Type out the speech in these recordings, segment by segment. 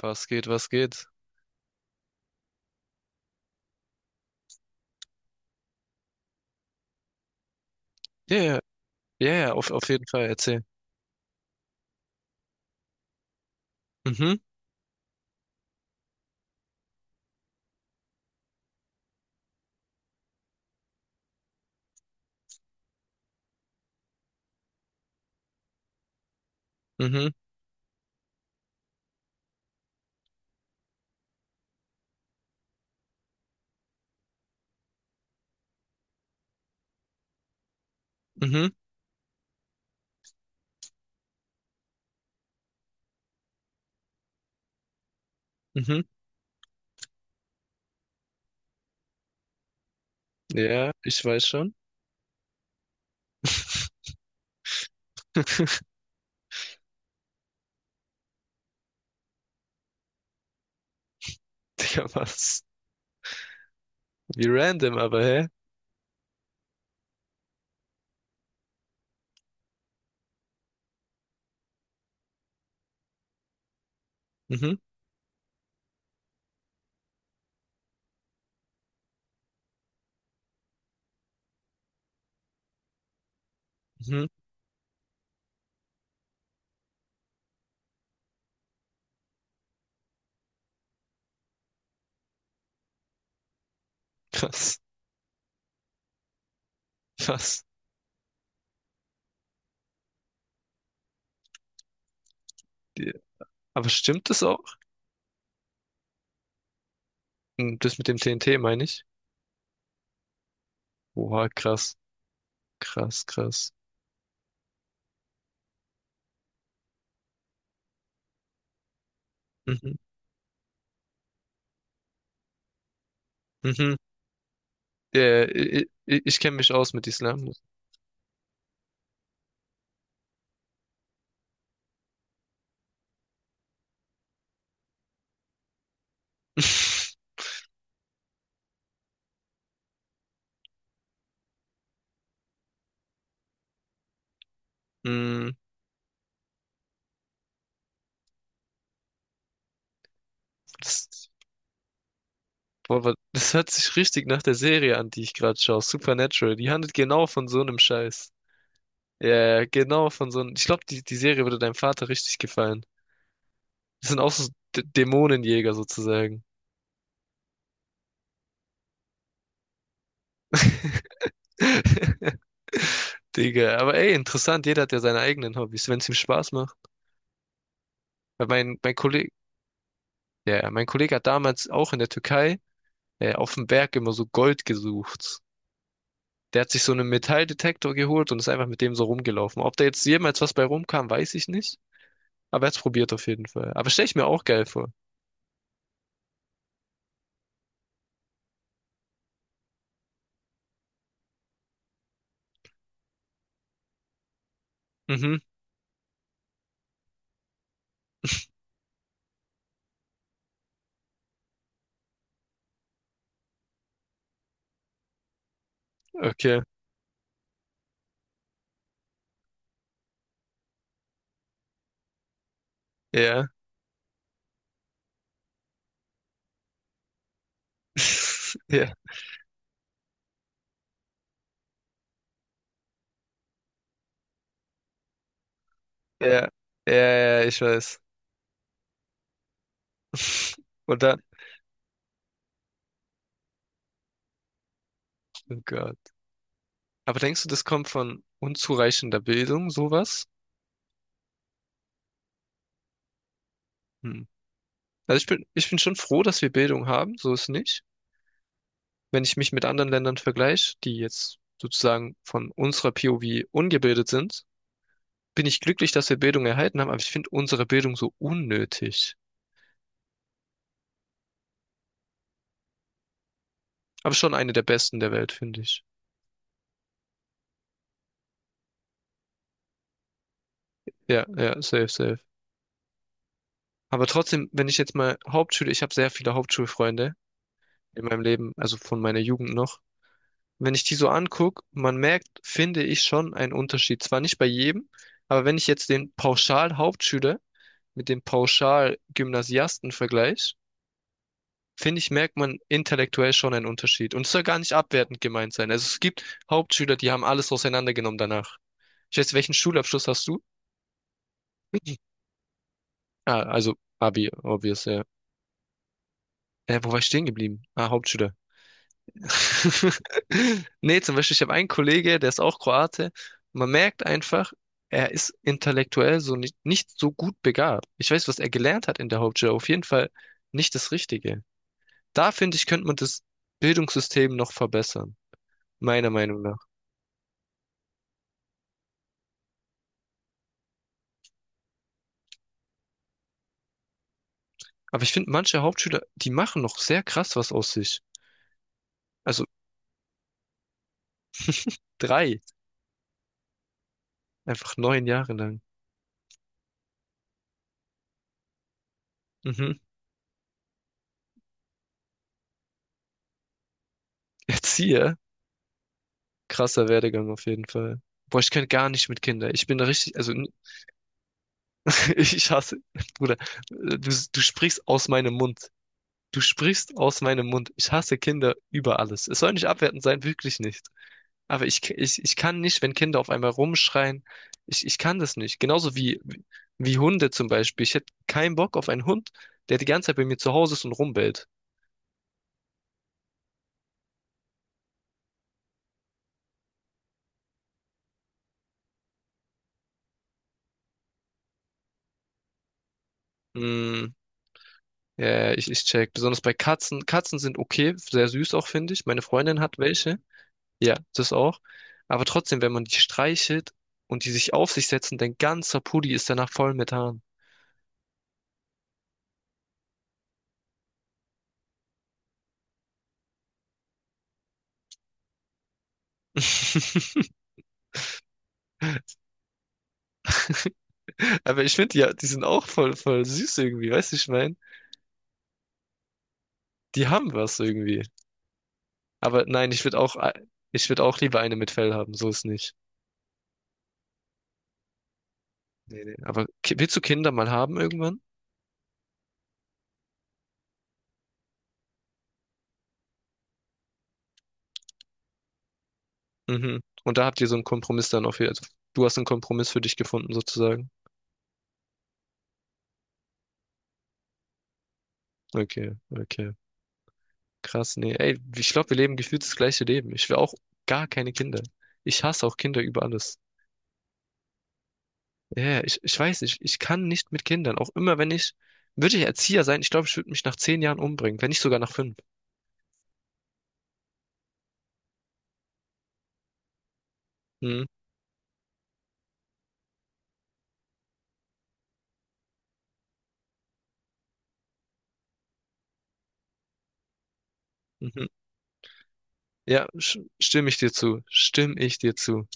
Was geht, was geht? Ja, ja, ja, ja, auf jeden Fall erzähl. Mhm, mhm, mhm, mhm. Ja, ich weiß schon. Digga, was? Wie random, aber hä? Mhm, mhm. Krass, krass. Die- Aber stimmt das auch? Hm, das mit dem TNT meine ich? Oha, krass, krass, krass. Mhm, mhm. Ja, ja, ich kenne mich aus mit Islam. Hm, Das, boah, das hört sich richtig nach der Serie an, die ich gerade schaue. Supernatural. Die handelt genau von so einem Scheiß. Ja, genau, von so einem. Ich glaube, die Serie würde deinem Vater richtig gefallen. Das sind auch so D Dämonenjäger sozusagen. Digga, aber ey, interessant, jeder hat ja seine eigenen Hobbys, wenn es ihm Spaß macht. Weil mein Kollege, ja, mein Kollege hat damals auch in der Türkei auf dem Berg immer so Gold gesucht. Der hat sich so einen Metalldetektor geholt und ist einfach mit dem so rumgelaufen. Ob da jetzt jemals was bei rumkam, weiß ich nicht. Aber er hat's probiert auf jeden Fall. Aber stell ich mir auch geil vor. Mhm, okay. Ja. Ja. Ja, ja, ja, ja, ich weiß. Und dann, oh Gott. Aber denkst du, das kommt von unzureichender Bildung, sowas? Hm. Also ich bin schon froh, dass wir Bildung haben, so ist nicht. Wenn ich mich mit anderen Ländern vergleiche, die jetzt sozusagen von unserer POV ungebildet sind, bin ich glücklich, dass wir Bildung erhalten haben, aber ich finde unsere Bildung so unnötig. Aber schon eine der besten der Welt, finde ich. Ja, ja, safe, safe. Aber trotzdem, wenn ich jetzt mal Hauptschule, ich habe sehr viele Hauptschulfreunde in meinem Leben, also von meiner Jugend noch. Wenn ich die so angucke, man merkt, finde ich schon einen Unterschied. Zwar nicht bei jedem, aber wenn ich jetzt den Pauschal-Hauptschüler mit dem Pauschal-Gymnasiasten vergleiche, finde ich, merkt man intellektuell schon einen Unterschied. Und es soll gar nicht abwertend gemeint sein. Also es gibt Hauptschüler, die haben alles auseinandergenommen danach. Ich weiß, welchen Schulabschluss hast du? Ah, also Abi, obvious, ja. Wo war ich stehen geblieben? Ah, Hauptschüler. Nee, zum Beispiel, ich habe einen Kollege, der ist auch Kroate. Man merkt einfach, er ist intellektuell so nicht so gut begabt. Ich weiß, was er gelernt hat in der Hauptschule, auf jeden Fall nicht das Richtige. Da finde ich, könnte man das Bildungssystem noch verbessern, meiner Meinung nach. Aber ich finde, manche Hauptschüler, die machen noch sehr krass was aus sich. Also drei, einfach 9 Jahre lang. Mhm. Erzieher, krasser Werdegang auf jeden Fall. Boah, ich könnte gar nicht mit Kindern. Ich bin da richtig, also ich hasse, Bruder, du, du sprichst aus meinem Mund. Du sprichst aus meinem Mund. Ich hasse Kinder über alles. Es soll nicht abwertend sein, wirklich nicht. Aber ich kann nicht, wenn Kinder auf einmal rumschreien. Ich kann das nicht. Genauso wie Hunde zum Beispiel. Ich hätte keinen Bock auf einen Hund, der die ganze Zeit bei mir zu Hause ist und rumbellt. Mm, ja, ich check. Besonders bei Katzen. Katzen sind okay, sehr süß auch, finde ich. Meine Freundin hat welche. Ja, das auch. Aber trotzdem, wenn man die streichelt und die sich auf sich setzen, dein ganzer Pulli ist danach voll mit Haaren. Aber ich finde ja, die sind auch voll, voll süß irgendwie, weißt du, ich mein? Die haben was irgendwie. Aber nein, ich würde auch lieber eine mit Fell haben, so ist nicht. Nee, nee. Aber willst du Kinder mal haben irgendwann? Mhm. Und da habt ihr so einen Kompromiss dann auf, also du hast einen Kompromiss für dich gefunden sozusagen. Okay, okay. Krass, nee. Ey, ich glaube, wir leben gefühlt das gleiche Leben. Ich will auch gar keine Kinder. Ich hasse auch Kinder über alles. Ja, ja, ich weiß nicht, ich kann nicht mit Kindern. Auch immer, wenn ich, würde ich Erzieher sein, ich glaube, ich würde mich nach 10 Jahren umbringen, wenn nicht sogar nach 5. Hm, mhm. Ja, stimme ich dir zu. Stimme ich dir zu.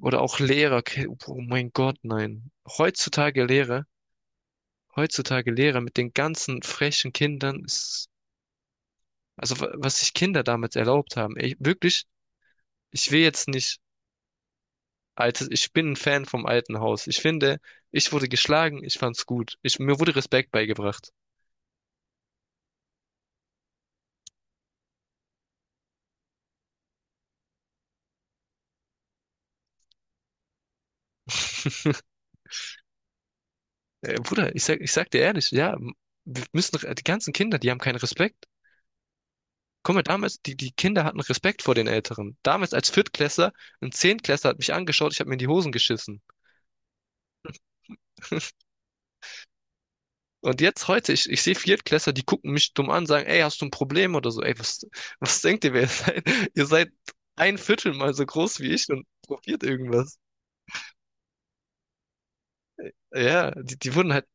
Oder auch Lehrer. Oh mein Gott, nein. Heutzutage Lehrer mit den ganzen frechen Kindern ist, also was sich Kinder damals erlaubt haben. Ey, wirklich, ich will jetzt nicht Altes, ich bin ein Fan vom alten Haus. Ich finde, ich wurde geschlagen, ich fand's gut. Mir wurde Respekt beigebracht. Bruder, ich sag dir ehrlich, ja, wir müssen, die ganzen Kinder, die haben keinen Respekt. Guck mal, damals, die Kinder hatten Respekt vor den Älteren. Damals als Viertklässler, ein Zehntklässler hat mich angeschaut, ich habe mir in die Hosen geschissen. Und jetzt heute, ich sehe Viertklässler, die gucken mich dumm an, sagen, ey, hast du ein Problem oder so? Ey, was denkt ihr, wer ihr seid? Ihr seid ein Viertel mal so groß wie ich und probiert irgendwas. Ja, die wurden halt.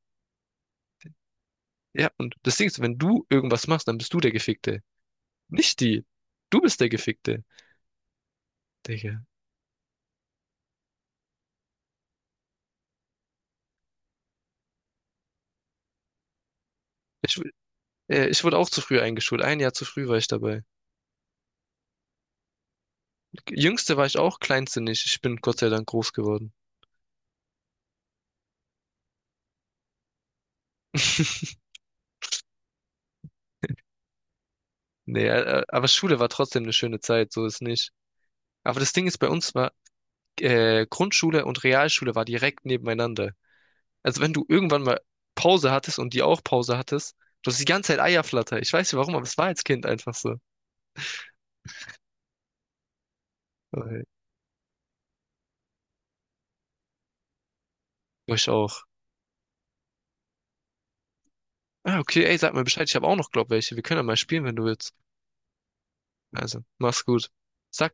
Ja, und das Ding ist, wenn du irgendwas machst, dann bist du der Gefickte. Nicht die. Du bist der Gefickte. Digga. Ich, wu- Ich wurde auch zu früh eingeschult. Ein Jahr zu früh war ich dabei. Jüngste war ich auch, kleinste nicht. Ich bin Gott sei Dank groß geworden. Nee, aber Schule war trotzdem eine schöne Zeit, so ist nicht. Aber das Ding ist, bei uns war Grundschule und Realschule war direkt nebeneinander. Also wenn du irgendwann mal Pause hattest und die auch Pause hattest, du hast die ganze Zeit Eierflatter. Ich weiß nicht warum, aber es war als Kind einfach so. Äh, Ich auch. Ah, okay, ey, sag mal Bescheid. Ich habe auch noch, glaub, welche. Wir können ja mal spielen, wenn du willst. Also, mach's gut. Sag